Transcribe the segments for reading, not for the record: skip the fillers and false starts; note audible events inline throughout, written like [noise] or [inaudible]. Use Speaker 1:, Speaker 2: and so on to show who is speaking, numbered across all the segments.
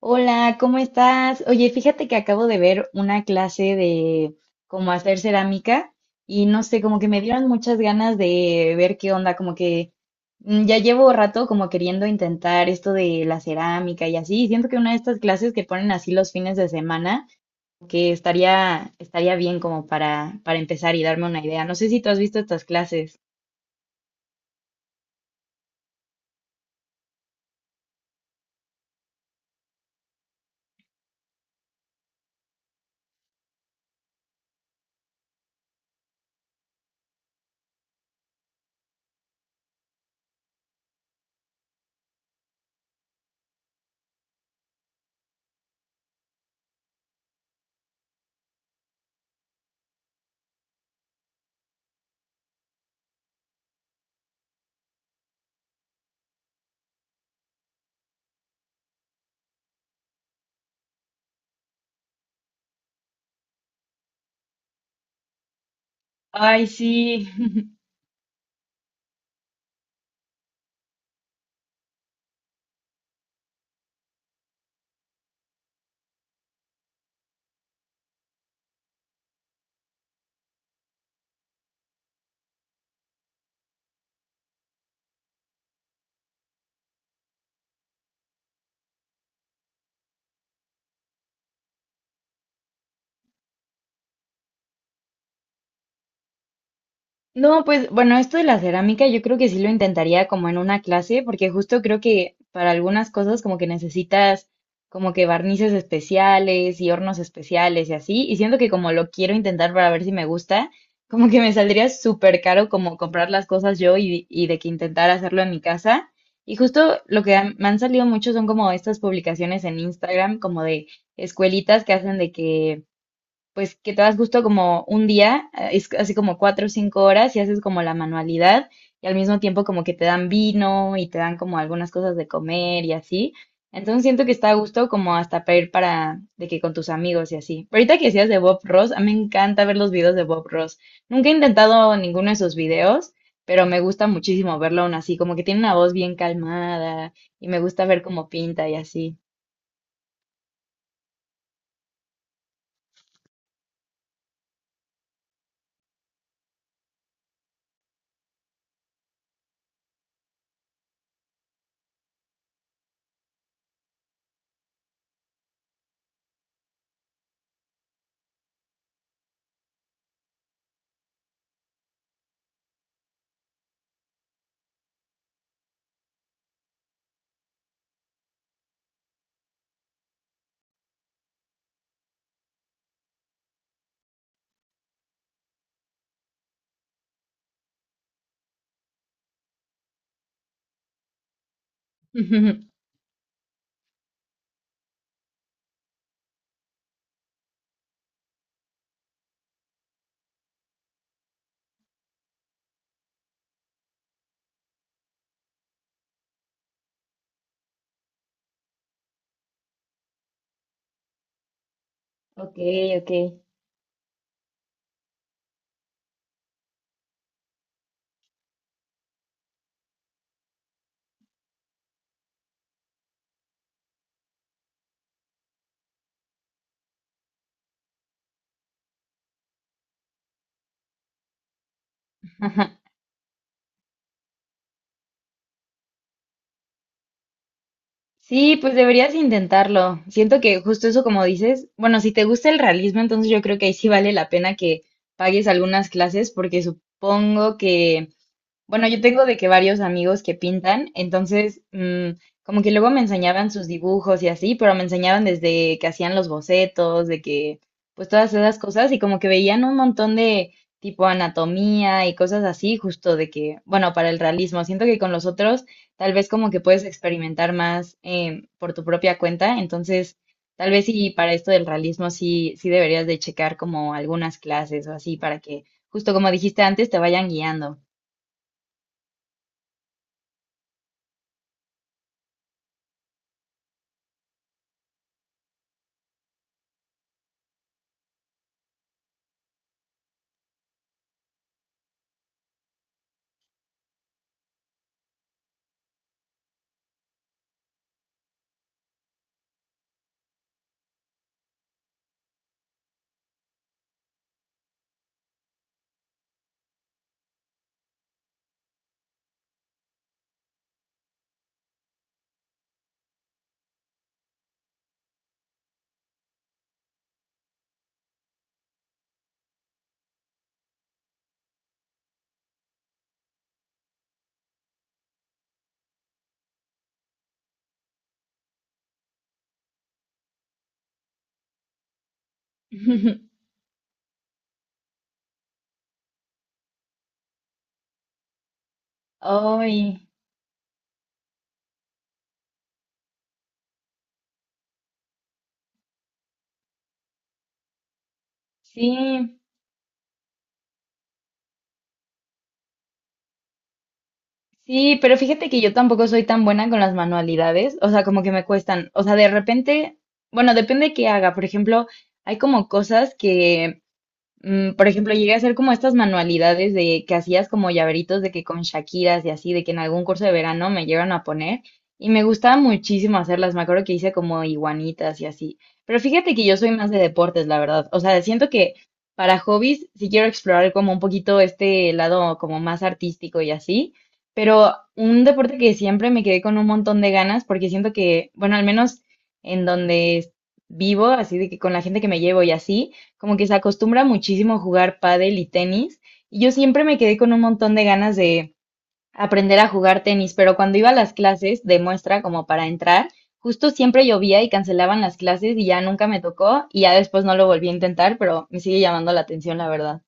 Speaker 1: Hola, ¿cómo estás? Oye, fíjate que acabo de ver una clase de cómo hacer cerámica y no sé, como que me dieron muchas ganas de ver qué onda, como que ya llevo rato como queriendo intentar esto de la cerámica y así, y siento que una de estas clases que ponen así los fines de semana, que estaría bien como para empezar y darme una idea. No sé si tú has visto estas clases. Ay, sí. [laughs] No, pues bueno, esto de la cerámica yo creo que sí lo intentaría como en una clase, porque justo creo que para algunas cosas como que necesitas como que barnices especiales y hornos especiales y así, y siento que como lo quiero intentar para ver si me gusta, como que me saldría súper caro como comprar las cosas yo y de que intentar hacerlo en mi casa. Y justo lo que me han salido mucho son como estas publicaciones en Instagram, como de escuelitas que hacen de que pues que te das justo como un día, es así como 4 o 5 horas y haces como la manualidad y al mismo tiempo como que te dan vino y te dan como algunas cosas de comer y así. Entonces siento que está a gusto como hasta para ir para de que con tus amigos y así. Pero ahorita que decías de Bob Ross, a mí me encanta ver los videos de Bob Ross. Nunca he intentado ninguno de sus videos, pero me gusta muchísimo verlo aún así, como que tiene una voz bien calmada y me gusta ver cómo pinta y así. [laughs] Ok, ok. [laughs] Sí, pues deberías intentarlo. Siento que justo eso como dices, bueno, si te gusta el realismo, entonces yo creo que ahí sí vale la pena que pagues algunas clases porque supongo que bueno, yo tengo de que varios amigos que pintan, entonces como que luego me enseñaban sus dibujos y así, pero me enseñaban desde que hacían los bocetos, de que pues todas esas cosas y como que veían un montón de tipo anatomía y cosas así, justo de que, bueno, para el realismo, siento que con los otros tal vez como que puedes experimentar más por tu propia cuenta, entonces tal vez sí para esto del realismo sí, sí deberías de checar como algunas clases o así para que justo como dijiste antes te vayan guiando. [laughs] Ay, sí, sí, pero fíjate que yo tampoco soy tan buena con las manualidades, o sea, como que me cuestan, o sea, de repente, bueno, depende qué haga, por ejemplo, hay como cosas que por ejemplo, llegué a hacer como estas manualidades de que hacías como llaveritos de que con Shakiras y así, de que en algún curso de verano me llevan a poner y me gustaba muchísimo hacerlas. Me acuerdo que hice como iguanitas y así. Pero fíjate que yo soy más de deportes, la verdad. O sea, siento que para hobbies sí quiero explorar como un poquito este lado como más artístico y así. Pero un deporte que siempre me quedé con un montón de ganas porque siento que, bueno, al menos en donde vivo, así de que con la gente que me llevo y así como que se acostumbra muchísimo a jugar pádel y tenis, y yo siempre me quedé con un montón de ganas de aprender a jugar tenis, pero cuando iba a las clases de muestra como para entrar, justo siempre llovía y cancelaban las clases y ya nunca me tocó y ya después no lo volví a intentar, pero me sigue llamando la atención, la verdad.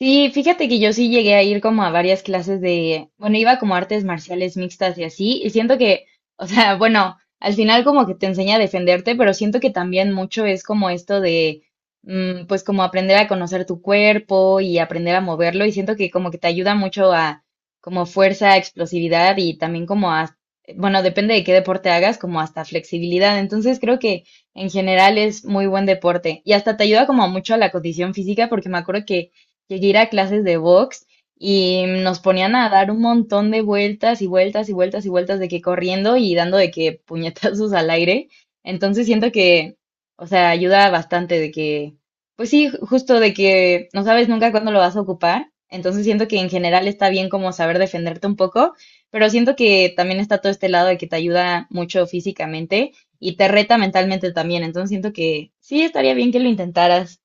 Speaker 1: Sí, fíjate que yo sí llegué a ir como a varias clases de, bueno, iba como a artes marciales mixtas y así, y siento que, o sea, [laughs] bueno, al final como que te enseña a defenderte, pero siento que también mucho es como esto de, pues como aprender a conocer tu cuerpo y aprender a moverlo, y siento que como que te ayuda mucho a como fuerza, explosividad y también como a, bueno, depende de qué deporte hagas, como hasta flexibilidad, entonces creo que en general es muy buen deporte y hasta te ayuda como mucho a la condición física, porque me acuerdo que llegué a ir a clases de box y nos ponían a dar un montón de vueltas y vueltas y vueltas y vueltas de que corriendo y dando de que puñetazos al aire. Entonces siento que, o sea, ayuda bastante de que, pues sí, justo de que no sabes nunca cuándo lo vas a ocupar. Entonces siento que en general está bien como saber defenderte un poco, pero siento que también está todo este lado de que te ayuda mucho físicamente y te reta mentalmente también. Entonces siento que sí estaría bien que lo intentaras.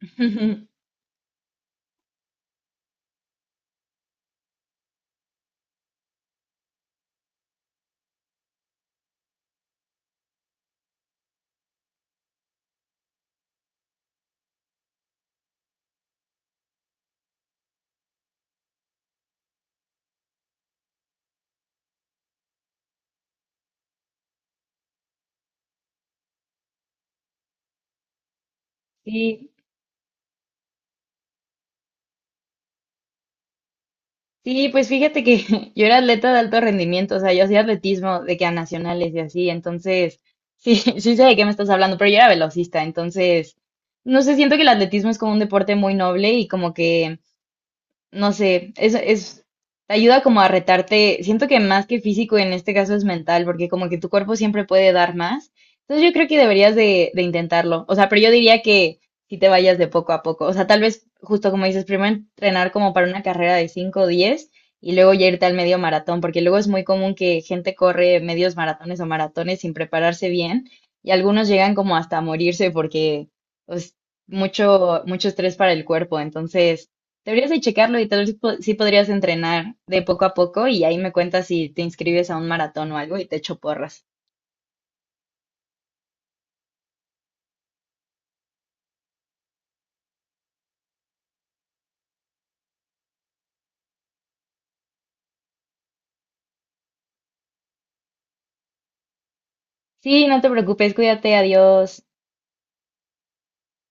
Speaker 1: [laughs] Sí, Sí, pues fíjate que [laughs] yo era atleta de alto rendimiento, o sea, yo hacía atletismo de que a nacionales y así, entonces sí, [laughs] sí sé de qué me estás hablando, pero yo era velocista, entonces no sé, siento que el atletismo es como un deporte muy noble y como que no sé, es, te ayuda como a retarte, siento que más que físico en este caso es mental, porque como que tu cuerpo siempre puede dar más. Entonces yo creo que deberías de intentarlo. O sea, pero yo diría que si te vayas de poco a poco. O sea, tal vez justo como dices, primero entrenar como para una carrera de cinco o 10 y luego ya irte al medio maratón, porque luego es muy común que gente corre medios maratones o maratones sin prepararse bien y algunos llegan como hasta a morirse porque pues mucho mucho estrés para el cuerpo. Entonces, deberías de checarlo y tal vez sí podrías entrenar de poco a poco y ahí me cuentas si te inscribes a un maratón o algo y te echo porras. Sí, no te preocupes, cuídate, adiós.